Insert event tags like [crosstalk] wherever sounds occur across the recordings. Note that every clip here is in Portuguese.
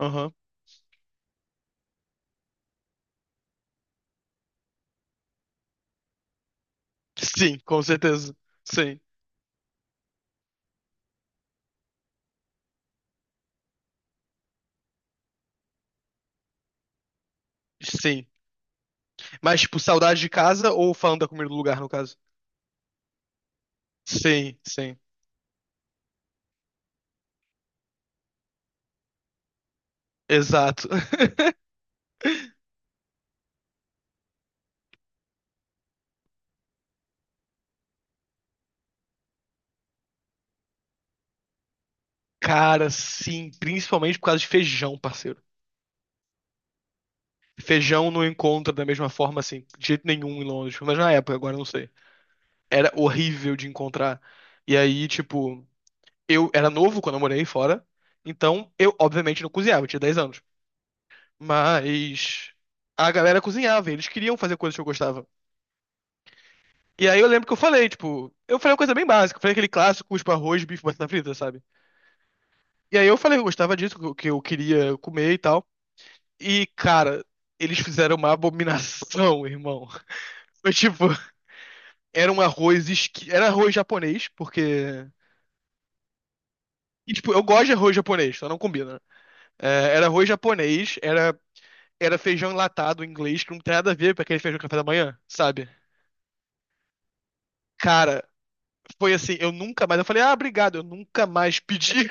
Aham. Sim, com certeza. Sim, sim. Mas, tipo, saudade de casa ou falando da comida do lugar, no caso? Sim, sim. Exato. [laughs] Cara, sim, principalmente por causa de feijão, parceiro. Feijão não encontra da mesma forma, assim, de jeito nenhum em Londres. Mas na época, agora eu não sei. Era horrível de encontrar. E aí, tipo, eu era novo quando eu morei fora. Então, eu, obviamente, não cozinhava, eu tinha 10 anos. Mas a galera cozinhava, e eles queriam fazer coisas que eu gostava. E aí eu lembro que eu falei, tipo, eu falei uma coisa bem básica, eu falei aquele clássico, tipo, arroz, bife, batata frita, sabe? E aí eu falei que eu gostava disso, que eu queria comer e tal. E, cara, eles fizeram uma abominação, [laughs] irmão. Foi tipo, era um era arroz japonês, porque e, tipo, eu gosto de arroz japonês, só não combina, né? É, era arroz japonês, era feijão enlatado em inglês, que não tem nada a ver com aquele feijão café da manhã, sabe? Cara, foi assim, eu nunca mais, eu falei: "Ah, obrigado, eu nunca mais pedi".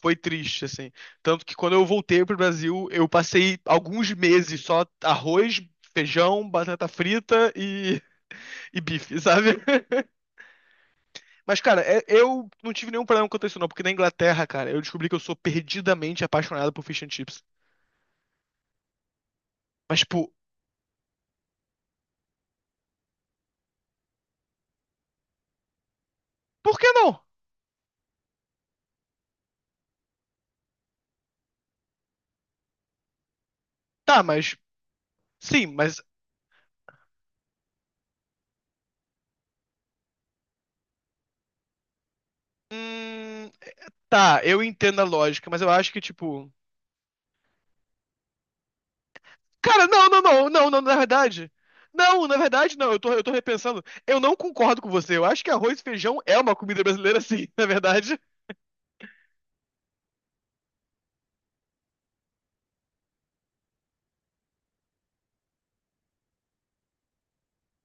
Foi triste, assim. Tanto que quando eu voltei pro Brasil, eu passei alguns meses só arroz, feijão, batata frita e bife, sabe? [laughs] Mas, cara, eu não tive nenhum problema com isso, não, porque na Inglaterra, cara, eu descobri que eu sou perdidamente apaixonado por fish and chips. Mas, tipo, por que não? Tá, mas. Sim, mas. Hum, tá, eu entendo a lógica, mas eu acho que, tipo. Cara, não, na verdade. Não, na verdade, não, eu tô repensando. Eu não concordo com você. Eu acho que arroz e feijão é uma comida brasileira, sim, [laughs] na verdade.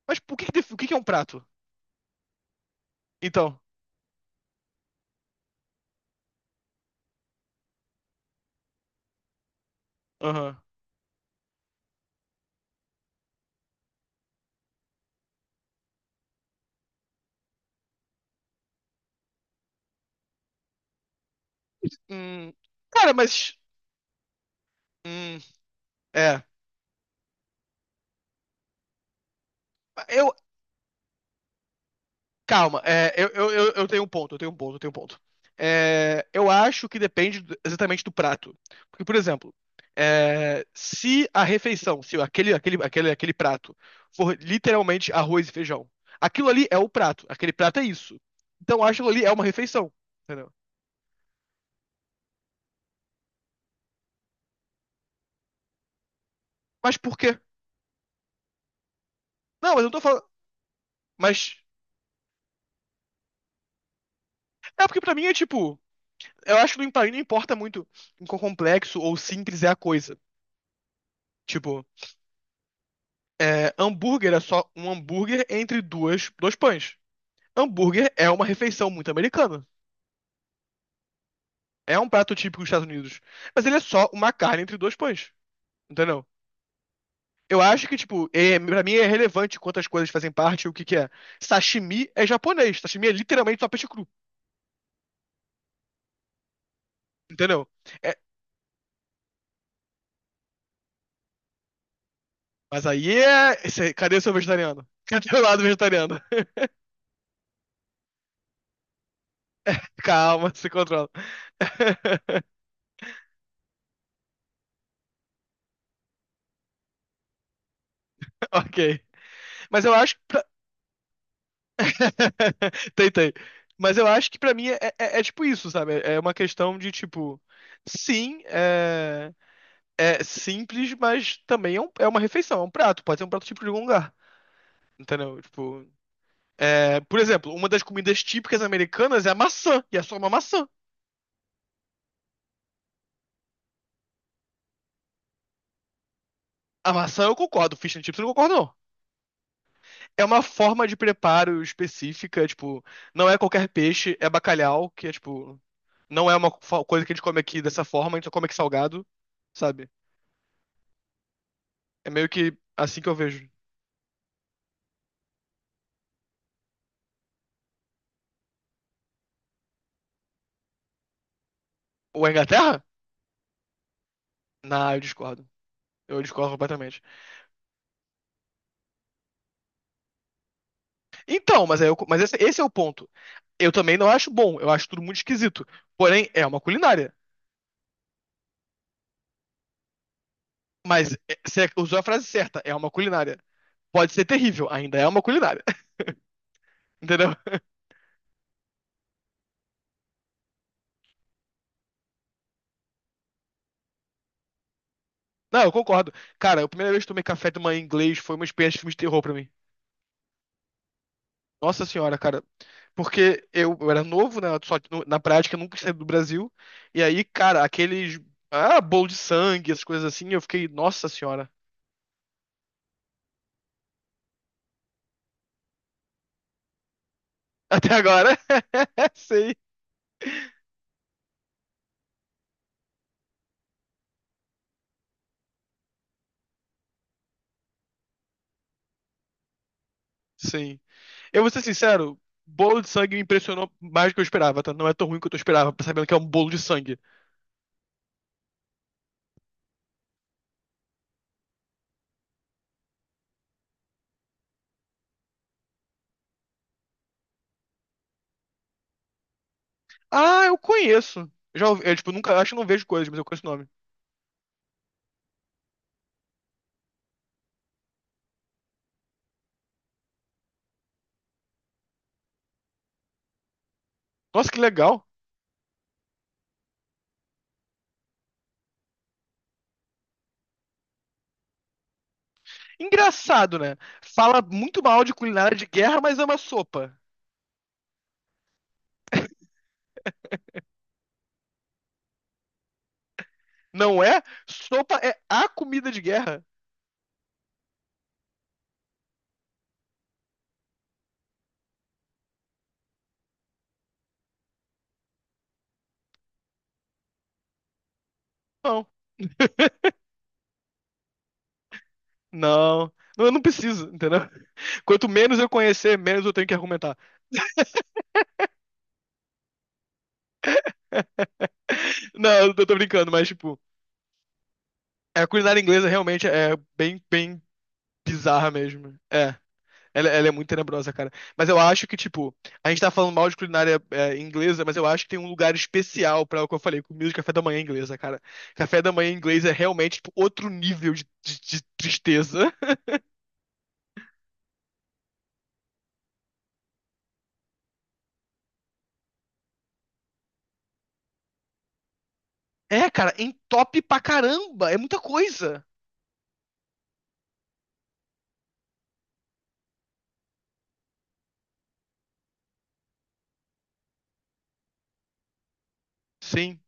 Mas por que o que que é um prato? Então, aham. Hum, cara, mas. Hum, é. Eu, Calma, é, eu tenho um ponto, eu tenho um ponto, eu tenho um ponto. É, eu acho que depende exatamente do prato. Porque, por exemplo, é, se a refeição, se aquele prato for literalmente arroz e feijão, aquilo ali é o prato, aquele prato é isso. Então, eu acho que aquilo ali é uma refeição, entendeu? Mas por quê? Não, mas eu não tô falando. Mas. É porque pra mim é tipo. Eu acho que não importa muito em quão complexo ou simples é a coisa. Tipo. É, hambúrguer é só um hambúrguer entre duas, dois pães. Hambúrguer é uma refeição muito americana. É um prato típico dos Estados Unidos. Mas ele é só uma carne entre dois pães. Entendeu? Eu acho que, tipo, é, pra mim é relevante quantas coisas fazem parte e o que que é. Sashimi é japonês. Sashimi é literalmente só peixe cru. Entendeu? É, mas aí é. Cadê o seu vegetariano? [laughs] Cadê o lado vegetariano? [laughs] Calma, se controla. [laughs] Ok. Mas eu acho que. [laughs] Tem, tem. Mas eu acho que pra mim é é tipo isso, sabe? É é uma questão de tipo, sim, é, é simples, mas também é, é uma refeição, é um prato, pode ser um prato típico de algum lugar. Entendeu? Tipo, é, por exemplo, uma das comidas típicas americanas é a maçã, e é só uma maçã. A maçã eu concordo, fish and chips eu não concordo, não. É uma forma de preparo específica, tipo, não é qualquer peixe, é bacalhau, que é tipo, não é uma coisa que a gente come aqui dessa forma, a gente só come aqui salgado, sabe? É meio que assim que eu vejo. Ou a Inglaterra? Não, eu discordo. Eu discordo completamente. Então, mas, mas esse é o ponto. Eu também não acho bom, eu acho tudo muito esquisito. Porém, é uma culinária. Mas você usou a frase certa, é uma culinária. Pode ser terrível, ainda é uma culinária. [laughs] Entendeu? Não, eu concordo. Cara, a primeira vez que tomei café de manhã em inglês foi uma experiência de filme de terror pra mim. Nossa senhora, cara. Porque eu era novo, né? Só que na prática eu nunca saí do Brasil. E aí, cara, aqueles. Ah, bolo de sangue, essas coisas assim, eu fiquei, nossa senhora. Até agora. [laughs] Sei. Sim. Eu vou ser sincero, bolo de sangue me impressionou mais do que eu esperava, tá? Não é tão ruim quanto eu esperava, sabendo que é um bolo de sangue. Ah, eu conheço. Já ouvi, eu, tipo, nunca acho que não vejo coisas, mas eu conheço o nome. Nossa, que legal. Engraçado, né? Fala muito mal de culinária de guerra, mas ama sopa. Não é? Sopa é a comida de guerra. Não, não, não, eu não preciso, entendeu? [laughs] Quanto menos eu conhecer, menos eu tenho que argumentar. [laughs] Não, eu tô brincando, mas tipo, a culinária inglesa realmente é bem, bem bizarra mesmo. É, ela é muito tenebrosa, cara. Mas eu acho que, tipo, a gente tá falando mal de culinária é, inglesa, mas eu acho que tem um lugar especial pra o que eu falei, comida de café da manhã inglesa, cara. Café da manhã inglês é realmente, tipo, outro nível de, de tristeza. É, cara, entope pra caramba, é muita coisa. Sim.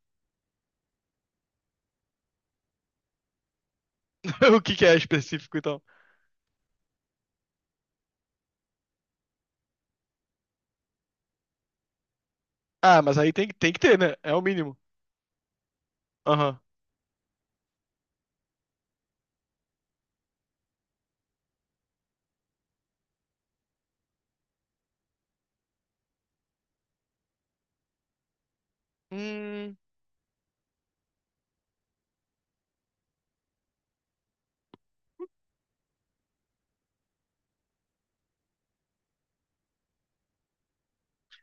[laughs] O que que é específico, então? Ah, mas aí tem, tem que ter, né? É o mínimo. Aham. Hum.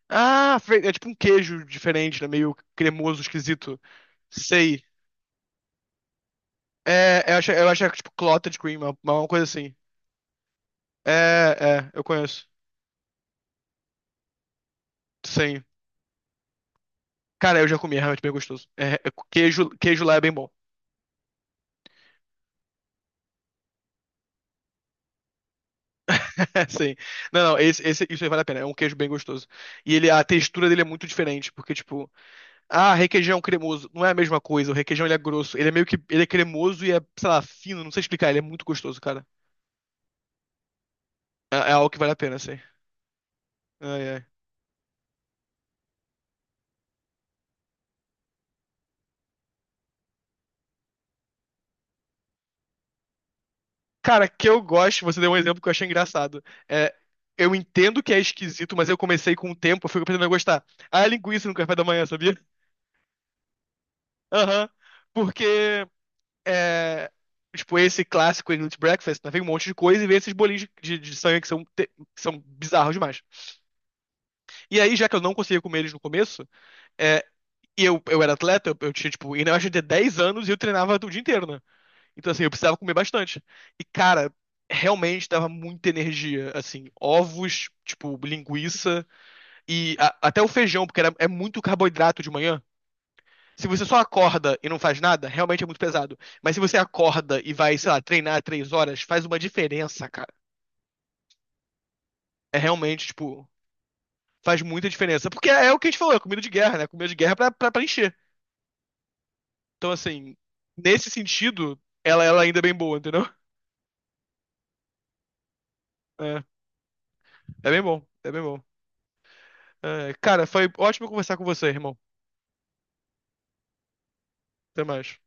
Ah, é tipo um queijo diferente, né? Meio cremoso, esquisito. Sei. É, eu acho que é tipo clotted cream, uma coisa assim. É, é, eu conheço. Sim. Cara, eu já comi, é realmente bem gostoso. É, é, queijo lá é bem bom. [laughs] Sim. Não, não, isso aí vale a pena. É um queijo bem gostoso. E ele, a textura dele é muito diferente, porque, tipo, ah, requeijão cremoso. Não é a mesma coisa. O requeijão ele é grosso. Ele é meio que. Ele é cremoso e é, sei lá, fino. Não sei explicar. Ele é muito gostoso, cara. É, é algo que vale a pena, assim. Ai, ai. Cara, que eu gosto. Você deu um exemplo que eu achei engraçado. É, eu entendo que é esquisito, mas eu comecei com o tempo. Eu fico aprendendo a gostar. Ah, é linguiça no café da manhã, sabia? [laughs] Aham. Porque. É, tipo, esse clássico English Breakfast, né? Vem um monte de coisa e vem esses bolinhos de, de sangue que são, que são bizarros demais. E aí, já que eu não conseguia comer eles no começo. É, e eu era atleta, eu tinha, tipo, e na verdade, eu tinha anos e eu treinava o dia inteiro, né? Então, assim, eu precisava comer bastante. E, cara, realmente dava muita energia, assim, ovos, tipo, linguiça e até o feijão, porque era, é muito carboidrato de manhã. Se você só acorda e não faz nada, realmente é muito pesado. Mas se você acorda e vai, sei lá, treinar 3 horas, faz uma diferença, cara. É realmente, tipo, faz muita diferença. Porque é o que a gente falou, é comida de guerra, né? Comida de guerra é pra, pra, pra encher. Então, assim, nesse sentido, ela ainda é bem boa, entendeu? É, é bem bom, é bem bom. É, cara, foi ótimo conversar com você, irmão. Até mais.